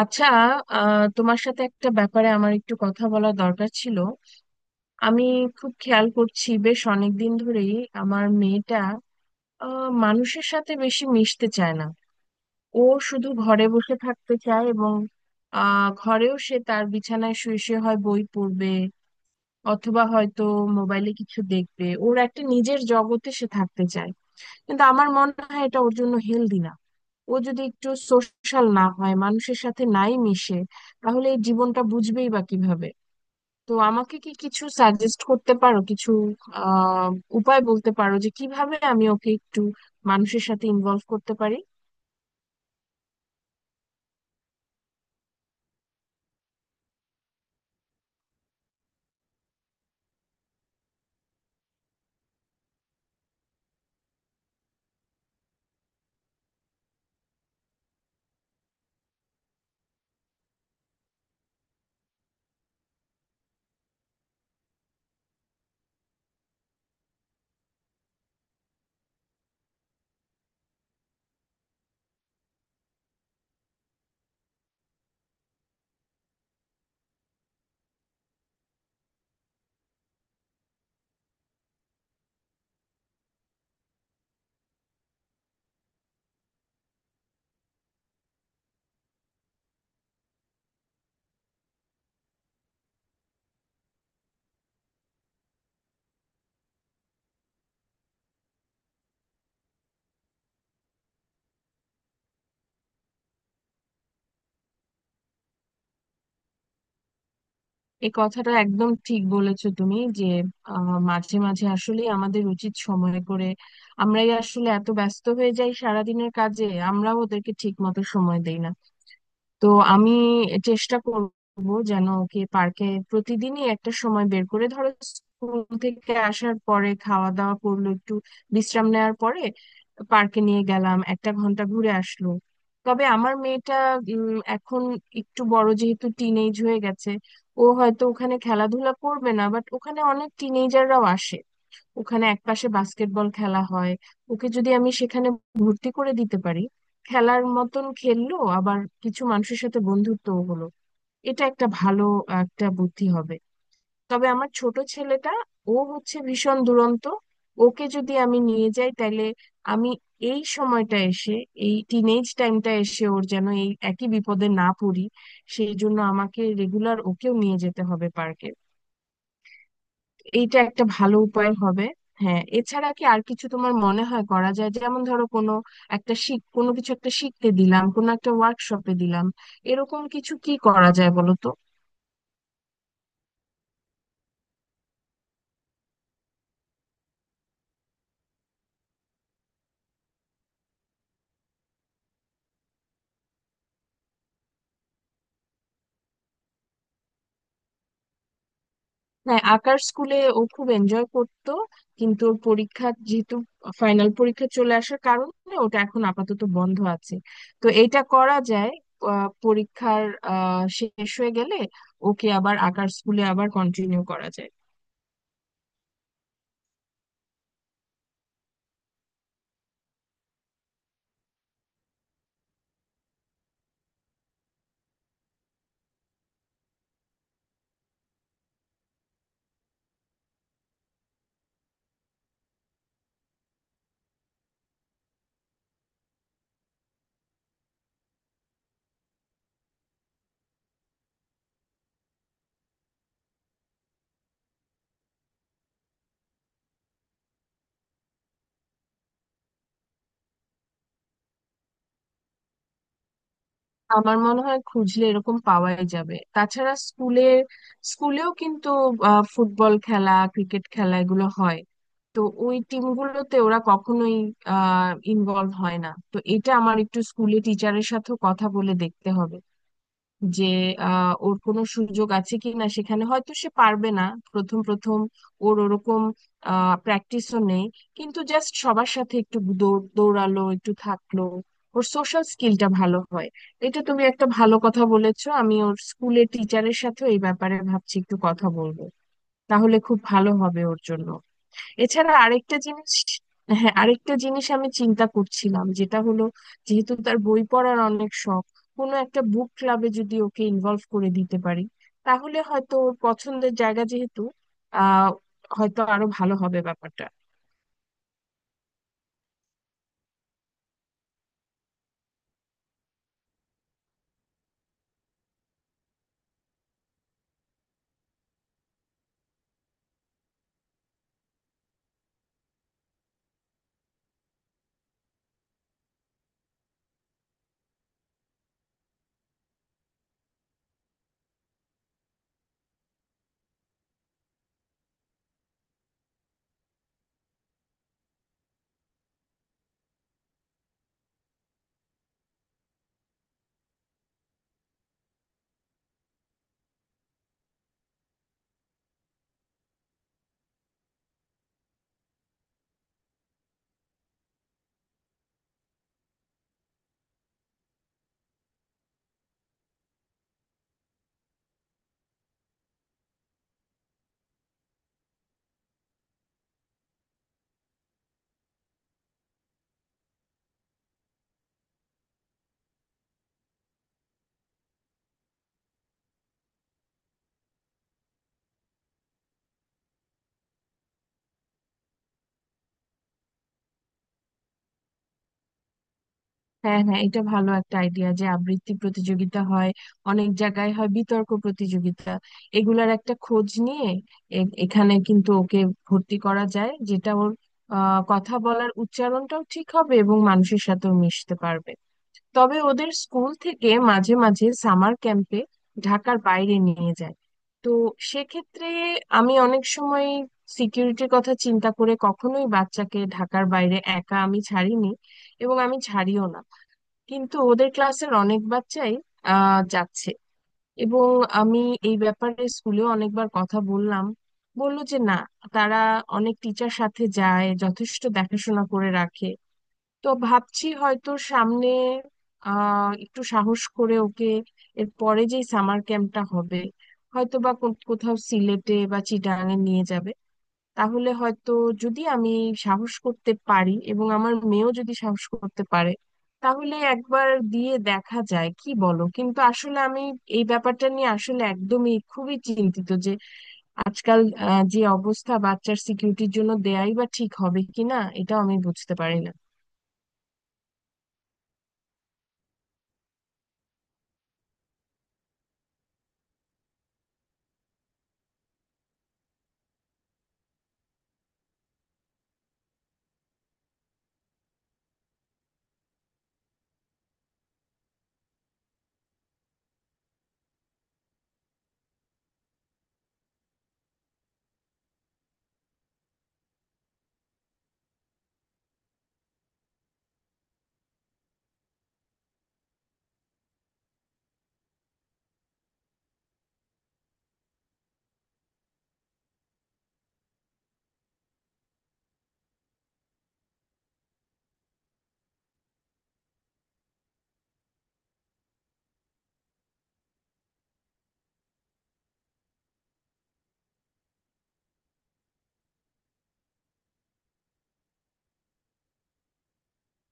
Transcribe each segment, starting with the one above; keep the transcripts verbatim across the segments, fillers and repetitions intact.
আচ্ছা। আহ, তোমার সাথে একটা ব্যাপারে আমার একটু কথা বলা দরকার ছিল। আমি খুব খেয়াল করছি বেশ অনেকদিন ধরেই আমার মেয়েটা আহ, মানুষের সাথে বেশি মিশতে চায় না। ও শুধু ঘরে বসে থাকতে চায়, এবং আহ, ঘরেও সে তার বিছানায় শুয়ে শুয়ে হয় বই পড়বে, অথবা হয়তো মোবাইলে কিছু দেখবে। ওর একটা নিজের জগতে সে থাকতে চায়, কিন্তু আমার মনে হয় এটা ওর জন্য হেলদি না। ও যদি একটু সোশ্যাল না হয়, মানুষের সাথে নাই মিশে, তাহলে এই জীবনটা বুঝবেই বা কিভাবে? তো আমাকে কি কিছু সাজেস্ট করতে পারো? কিছু আহ উপায় বলতে পারো যে কিভাবে আমি ওকে একটু মানুষের সাথে ইনভলভ করতে পারি? এই কথাটা একদম ঠিক বলেছো তুমি যে আহ, মাঝে মাঝে আসলে আমাদের উচিত সময় করে। আমরাই আসলে এত ব্যস্ত হয়ে যাই সারাদিনের কাজে, আমরাও ওদেরকে ঠিক মতো সময় দেই না। তো আমি চেষ্টা করব যেন ওকে পার্কে প্রতিদিনই একটা সময় বের করে, ধরো স্কুল থেকে আসার পরে খাওয়া দাওয়া করলো, একটু বিশ্রাম নেওয়ার পরে পার্কে নিয়ে গেলাম, একটা ঘন্টা ঘুরে আসলো। তবে আমার মেয়েটা উম, এখন একটু বড়, যেহেতু টিনেজ হয়ে গেছে, ও হয়তো ওখানে খেলাধুলা করবে না, বাট ওখানে অনেক টিনেজাররাও আসে। ওখানে একপাশে বাস্কেটবল খেলা হয়। ওকে যদি আমি সেখানে ভর্তি করে দিতে পারি, খেলার মতন খেললো, আবার কিছু মানুষের সাথে বন্ধুত্বও হলো, এটা একটা ভালো একটা বুদ্ধি হবে। তবে আমার ছোট ছেলেটা ও হচ্ছে ভীষণ দুরন্ত। ওকে যদি আমি নিয়ে যাই তাহলে আমি এই সময়টা এসে, এই টিনেজ টাইমটা এসে ওর যেন এই একই বিপদে না পড়ি, সেই জন্য আমাকে রেগুলার ওকেও নিয়ে যেতে হবে পার্কে। এইটা একটা ভালো উপায় হবে। হ্যাঁ, এছাড়া কি আর কিছু তোমার মনে হয় করা যায়? যেমন ধরো কোনো একটা শিখ, কোনো কিছু একটা শিখতে দিলাম, কোনো একটা ওয়ার্কশপে দিলাম, এরকম কিছু কি করা যায় বলো তো? হ্যাঁ, আঁকার স্কুলে ও খুব এনজয় করতো, কিন্তু ওর পরীক্ষা যেহেতু, ফাইনাল পরীক্ষা চলে আসার কারণে ওটা এখন আপাতত বন্ধ আছে। তো এটা করা যায়, আহ, পরীক্ষার আহ শেষ হয়ে গেলে ওকে আবার আঁকার স্কুলে আবার কন্টিনিউ করা যায়। আমার মনে হয় খুঁজলে এরকম পাওয়াই যাবে। তাছাড়া স্কুলে, স্কুলেও কিন্তু আহ, ফুটবল খেলা, ক্রিকেট খেলা এগুলো হয়। তো ওই টিমগুলোতে ওরা কখনোই ইনভলভ হয় না। তো এটা আমার একটু স্কুলে টিচারের সাথেও কথা বলে দেখতে হবে যে আহ, ওর কোনো সুযোগ আছে কি না। সেখানে হয়তো সে পারবে না প্রথম প্রথম, ওর ওরকম প্র্যাকটিসও নেই, কিন্তু জাস্ট সবার সাথে একটু দৌড়- দৌড়ালো, একটু থাকলো, ওর সোশ্যাল স্কিলটা ভালো হয়। এটা তুমি একটা ভালো কথা বলেছো, আমি ওর স্কুলের টিচারের সাথেও এই ব্যাপারে ভাবছি একটু কথা বলবো। তাহলে খুব ভালো হবে ওর জন্য। এছাড়া আরেকটা জিনিস, হ্যাঁ আরেকটা জিনিস আমি চিন্তা করছিলাম যেটা হলো, যেহেতু তার বই পড়ার অনেক শখ, কোনো একটা বুক ক্লাবে যদি ওকে ইনভলভ করে দিতে পারি, তাহলে হয়তো ওর পছন্দের জায়গা যেহেতু, আহ হয়তো আরো ভালো হবে ব্যাপারটা। হ্যাঁ হ্যাঁ, এটা ভালো একটা আইডিয়া যে আবৃত্তি প্রতিযোগিতা হয়, অনেক জায়গায় হয় বিতর্ক প্রতিযোগিতা, এগুলার একটা খোঁজ নিয়ে এ- এখানে কিন্তু ওকে ভর্তি করা যায়, যেটা ওর আহ, কথা বলার উচ্চারণটাও ঠিক হবে এবং মানুষের সাথেও মিশতে পারবে। তবে ওদের স্কুল থেকে মাঝে মাঝে সামার ক্যাম্পে ঢাকার বাইরে নিয়ে যায়। তো সেক্ষেত্রে আমি অনেক সময় সিকিউরিটির কথা চিন্তা করে কখনোই বাচ্চাকে ঢাকার বাইরে একা আমি ছাড়িনি, এবং আমি ছাড়িও না। কিন্তু ওদের ক্লাসের অনেক বাচ্চাই আহ যাচ্ছে, এবং আমি এই ব্যাপারে স্কুলেও অনেকবার কথা বললাম, বললো যে না, তারা অনেক টিচার সাথে যায়, যথেষ্ট দেখাশোনা করে রাখে। তো ভাবছি হয়তো সামনে আহ একটু সাহস করে ওকে, এর পরে যেই সামার ক্যাম্পটা হবে, হয়তো বা কো- কোথাও সিলেটে বা চিটাগাঙে নিয়ে যাবে, তাহলে হয়তো যদি আমি সাহস করতে পারি এবং আমার মেয়েও যদি সাহস করতে পারে, তাহলে একবার দিয়ে দেখা যায়, কি বলো? কিন্তু আসলে আমি এই ব্যাপারটা নিয়ে আসলে একদমই খুবই চিন্তিত যে আজকাল আহ, যে অবস্থা, বাচ্চার সিকিউরিটির জন্য দেয়াই বা ঠিক হবে কিনা এটাও আমি বুঝতে পারি না।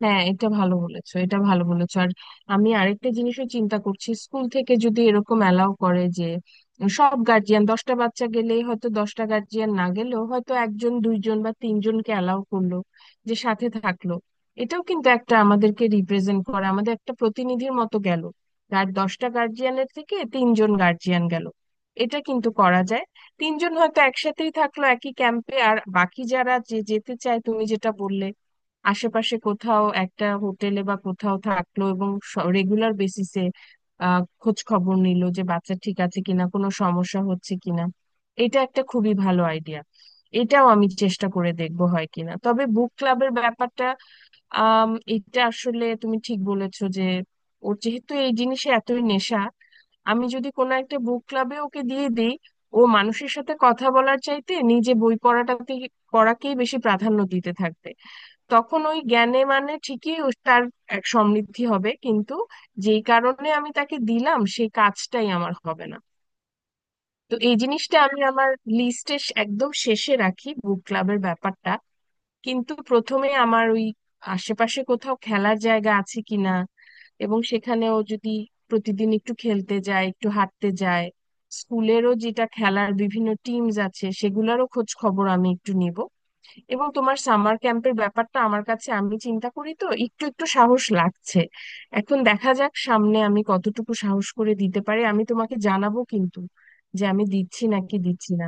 হ্যাঁ এটা ভালো বলেছো, এটা ভালো বলেছো। আর আমি আরেকটা জিনিসও চিন্তা করছি, স্কুল থেকে যদি এরকম অ্যালাউ করে যে সব গার্জিয়ান দশটা বাচ্চা গেলেই হয়তো দশটা গার্জিয়ান না গেলেও হয়তো একজন দুইজন বা তিনজনকে অ্যালাউ করলো যে সাথে থাকলো, এটাও কিন্তু একটা আমাদেরকে রিপ্রেজেন্ট করে, আমাদের একটা প্রতিনিধির মতো গেল। গার দশটা গার্জিয়ানের থেকে তিনজন গার্জিয়ান গেল, এটা কিন্তু করা যায়। তিনজন হয়তো একসাথেই থাকলো একই ক্যাম্পে, আর বাকি যারা যে যেতে চায় তুমি যেটা বললে আশেপাশে কোথাও একটা হোটেলে বা কোথাও থাকলো, এবং রেগুলার বেসিসে আহ খোঁজ খবর নিল যে বাচ্চা ঠিক আছে কিনা, কোনো সমস্যা হচ্ছে কিনা। এটা একটা খুবই ভালো আইডিয়া, এটাও আমি চেষ্টা করে দেখবো হয় কিনা। তবে বুক ক্লাবের ব্যাপারটা, আম, এটা আসলে তুমি ঠিক বলেছো যে ওর যেহেতু এই জিনিসে এতই নেশা, আমি যদি কোনো একটা বুক ক্লাবে ওকে দিয়ে দিই, ও মানুষের সাথে কথা বলার চাইতে নিজে বই পড়াটাতে, পড়াকেই বেশি প্রাধান্য দিতে থাকবে। তখন ওই জ্ঞানে মানে ঠিকই ও- তার এক সমৃদ্ধি হবে, কিন্তু যেই কারণে আমি তাকে দিলাম সেই কাজটাই আমার হবে না। তো এই জিনিসটা আমি আমার লিস্টে একদম শেষে রাখি, বুক ক্লাবের ব্যাপারটা। কিন্তু প্রথমে আমার ওই আশেপাশে কোথাও খেলার জায়গা আছে কিনা, এবং সেখানেও যদি প্রতিদিন একটু খেলতে যায়, একটু হাঁটতে যায়। স্কুলেরও যেটা খেলার বিভিন্ন টিমস আছে সেগুলোরও খোঁজ খবর আমি একটু নিব। এবং তোমার সামার ক্যাম্পের ব্যাপারটা আমার কাছে, আমি চিন্তা করি তো একটু একটু সাহস লাগছে। এখন দেখা যাক সামনে আমি কতটুকু সাহস করে দিতে পারি, আমি তোমাকে জানাবো কিন্তু যে আমি দিচ্ছি নাকি দিচ্ছি না।